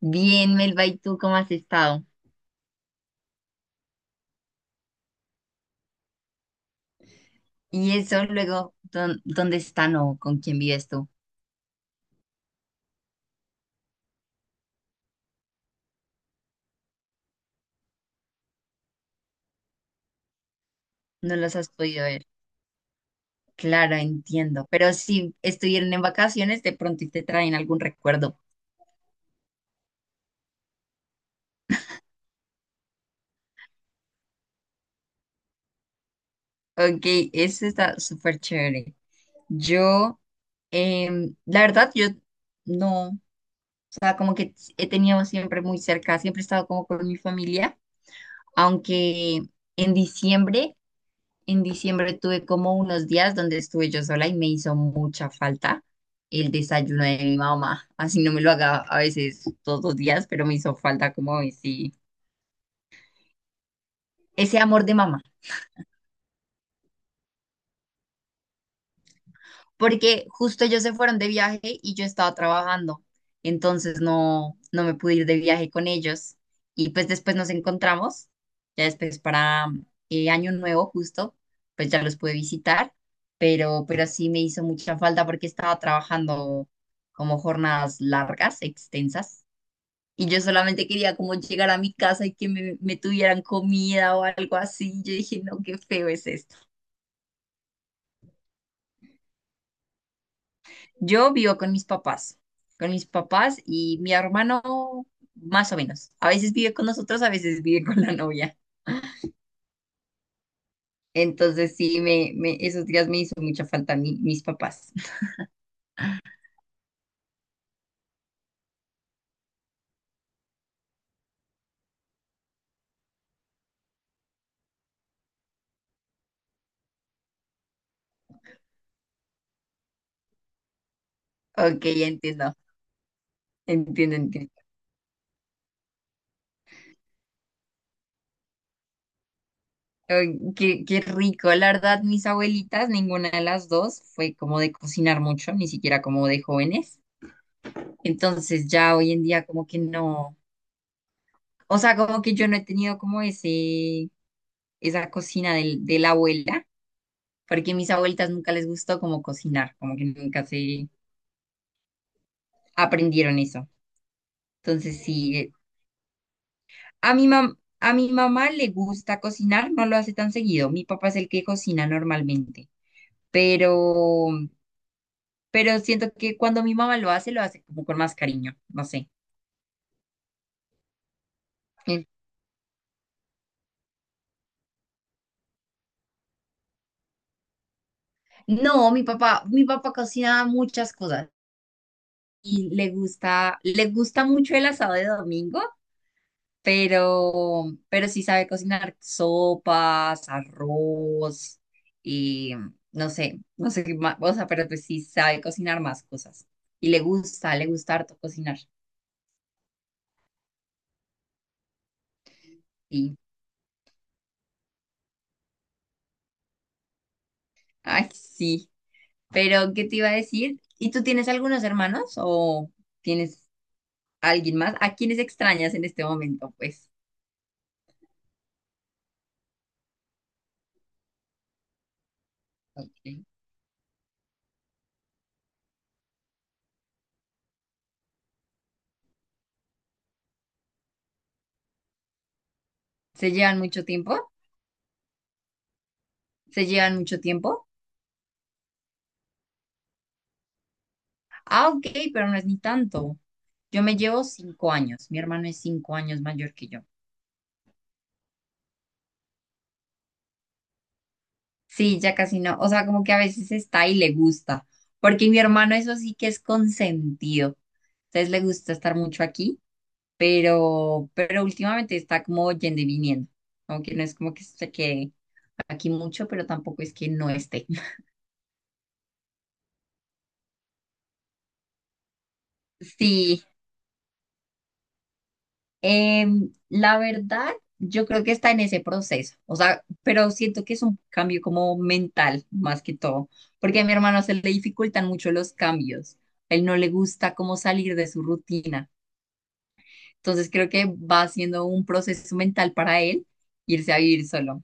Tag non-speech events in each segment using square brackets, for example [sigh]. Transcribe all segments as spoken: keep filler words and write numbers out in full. Bien, Melba, ¿y tú cómo has estado? Y eso luego, ¿dón- ¿dónde están o con quién vives tú? No los has podido ver. Claro, entiendo. Pero si estuvieron en vacaciones, de pronto y te traen algún recuerdo. Ok, eso está súper chévere. Yo, em, la verdad, yo no, o sea, como que he tenido siempre muy cerca, siempre he estado como con mi familia, aunque en diciembre En diciembre tuve como unos días donde estuve yo sola y me hizo mucha falta el desayuno de mi mamá. Así no me lo haga a veces todos los días, pero me hizo falta como ese, ese amor de mamá. Porque justo ellos se fueron de viaje y yo estaba trabajando, entonces no, no me pude ir de viaje con ellos y pues después nos encontramos, ya después para eh, Año Nuevo justo, pues ya los pude visitar, pero, pero sí me hizo mucha falta porque estaba trabajando como jornadas largas, extensas, y yo solamente quería como llegar a mi casa y que me, me tuvieran comida o algo así, yo dije, no, qué feo es esto. Yo vivo con mis papás, con mis papás y mi hermano más o menos. A veces vive con nosotros, a veces vive con la novia. Entonces sí, me, me- esos días me hizo mucha falta mi- mis papás. [laughs] Ok, entiendo, entiendo, entiendo. Ay, qué, qué rico, la verdad, mis abuelitas, ninguna de las dos fue como de cocinar mucho, ni siquiera como de jóvenes. Entonces ya hoy en día como que no, o sea, como que yo no he tenido como ese, esa cocina del- de la abuela porque a mis abuelitas nunca les gustó como cocinar, como que nunca se aprendieron eso. Entonces, sí, eh, a mi mam- a mi mamá le gusta cocinar, no lo hace tan seguido. Mi papá es el que cocina normalmente, pero, pero siento que cuando mi mamá lo hace, lo hace como con más cariño, no sé. Eh, No, mi papá, mi papá cocina muchas cosas y le gusta, le gusta mucho el asado de domingo, pero, pero sí sabe cocinar sopas, arroz y no sé, no sé qué más, o sea, pero pues sí sabe cocinar más cosas. Y le gusta, le gusta harto cocinar. Y, Ay, sí. Pero, ¿qué te iba a decir? ¿Y tú tienes algunos hermanos o tienes alguien más? ¿A quiénes extrañas en este momento? Pues, ok. ¿se llevan mucho tiempo? ¿Se llevan mucho tiempo? Ah, ok, pero no es ni tanto. Yo me llevo cinco años. Mi hermano es cinco años mayor que yo. Sí, ya casi no. O sea, como que a veces está y le gusta. Porque mi hermano eso sí que es consentido. Entonces le gusta estar mucho aquí, pero, pero últimamente está como yendo y viniendo. Aunque no es como que se quede aquí mucho, pero tampoco es que no esté. [laughs] Sí, Em, la verdad, yo creo que está en ese proceso, o sea, pero siento que es un cambio como mental más que todo, porque a mi hermano se le dificultan mucho los cambios, a él no le gusta como salir de su rutina, entonces creo que va siendo un proceso mental para él irse a vivir solo.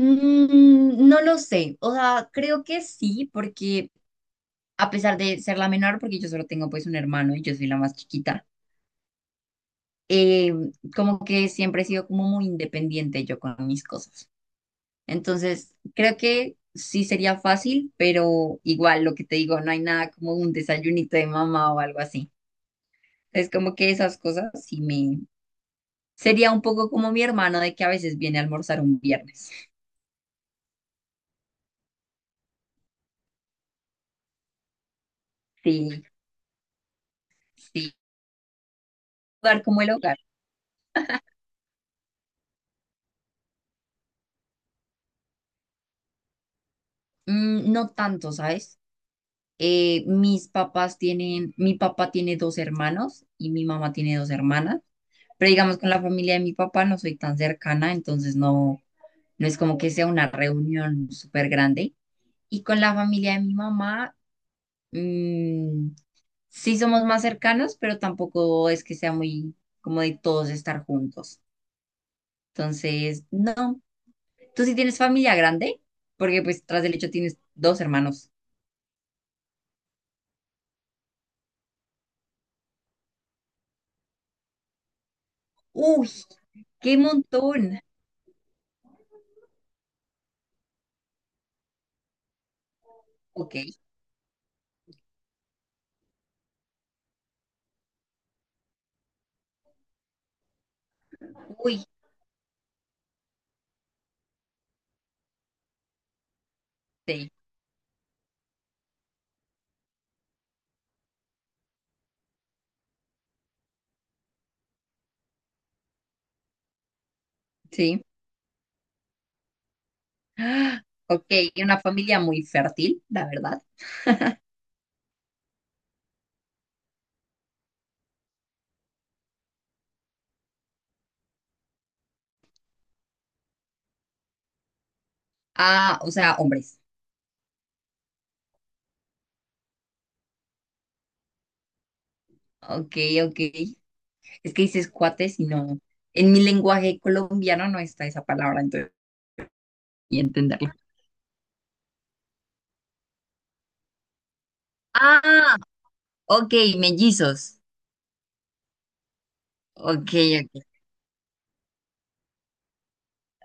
Mm, no lo sé, o sea, creo que sí, porque a pesar de ser la menor, porque yo solo tengo pues un hermano y yo soy la más chiquita. eh, Como que siempre he sido como muy independiente yo con mis cosas. Entonces, creo que sí sería fácil, pero igual lo que te digo, no hay nada como un desayunito de mamá o algo así. Es como que esas cosas sí me... Sería un poco como mi hermano de que a veces viene a almorzar un viernes. Sí, sí. Dar como el hogar. Mm, no tanto, ¿sabes? Eh, mis papás tienen, mi papá tiene dos hermanos y mi mamá tiene dos hermanas, pero digamos con la familia de mi papá no soy tan cercana, entonces no, no es como que sea una reunión súper grande. Y con la familia de mi mamá, mm, sí somos más cercanos, pero tampoco es que sea muy como de todos estar juntos. Entonces, no. ¿Tú sí tienes familia grande? Porque pues tras del hecho tienes dos hermanos. Uy, qué montón. Ok. Uy. Sí, sí. Ah, ok, una familia muy fértil, la verdad. Ah, o sea, hombres. Ok, ok. Es que dices cuates y no. En mi lenguaje colombiano no está esa palabra, entonces. Y entenderlo. Ah, ok, mellizos. Ok, ok.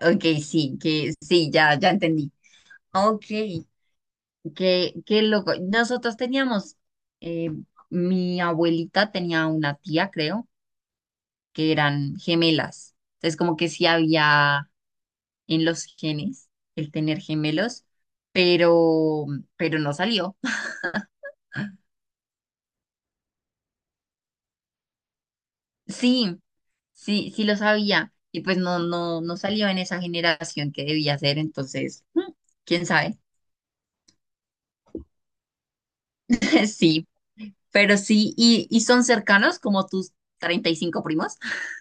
Ok, sí, que sí, ya, ya entendí. Ok, qué, qué loco. Nosotros teníamos, eh, Mi abuelita tenía una tía, creo, que eran gemelas. Entonces, como que sí había en los genes el tener gemelos, pero, pero no salió. [laughs] Sí, sí, sí lo sabía. Y pues no, no, no salió en esa generación que debía ser, entonces, mm, quién sabe. [laughs] Sí, pero sí, y, y son cercanos como tus treinta y cinco primos. [laughs]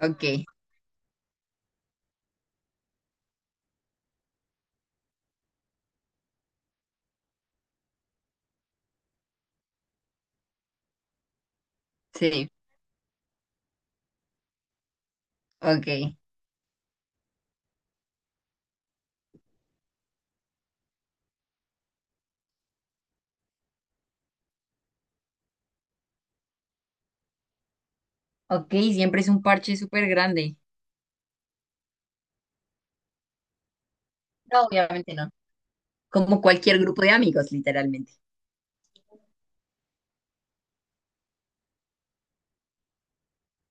Ok, sí, ok. Ok, siempre es un parche súper grande. No, obviamente no. Como cualquier grupo de amigos, literalmente.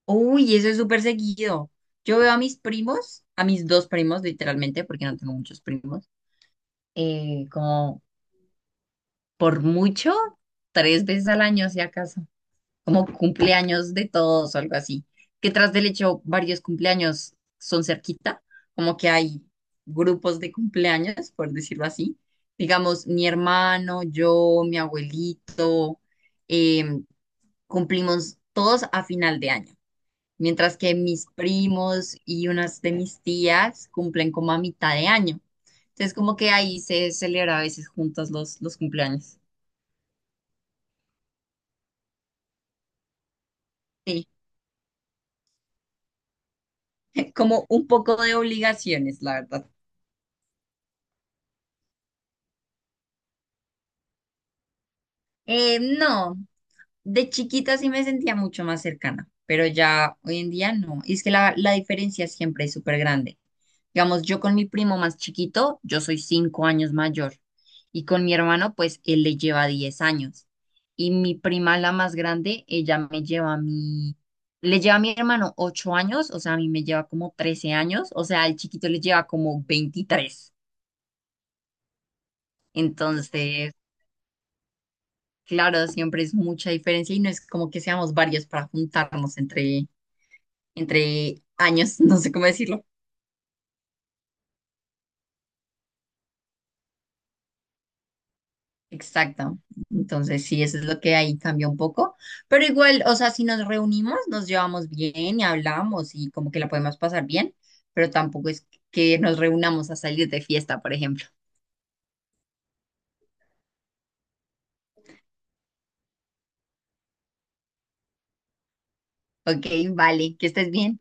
Uy, eso es súper seguido. Yo veo a mis primos, a mis dos primos literalmente, porque no tengo muchos primos, eh, como por mucho, tres veces al año, si acaso, como cumpleaños de todos o algo así. Que tras del hecho, varios cumpleaños son cerquita, como que hay grupos de cumpleaños, por decirlo así. Digamos, mi hermano, yo, mi abuelito, em, cumplimos todos a final de año. Mientras que mis primos y unas de mis tías cumplen como a mitad de año. Entonces, como que ahí se celebra a veces juntos los, los cumpleaños. Sí, [laughs] como un poco de obligaciones, la verdad. Eh, no, de chiquita sí me sentía mucho más cercana, pero ya hoy en día no. Y es que la, la diferencia siempre es súper grande. Digamos, yo con mi primo más chiquito, yo soy cinco años mayor. Y con mi hermano, pues él le lleva diez años. Y mi prima, la más grande, ella me lleva a mí, le lleva a mi hermano ocho años, o sea, a mí me lleva como trece años, o sea, al chiquito le lleva como veintitrés. Entonces, claro, siempre es mucha diferencia y no es como que seamos varios para juntarnos entre, entre años, [laughs] no sé cómo decirlo. Exacto. Entonces, sí, eso es lo que ahí cambia un poco. Pero igual, o sea, si nos reunimos, nos llevamos bien y hablamos y como que la podemos pasar bien, pero tampoco es que nos reunamos a salir de fiesta, por ejemplo. Ok, vale, que estés bien.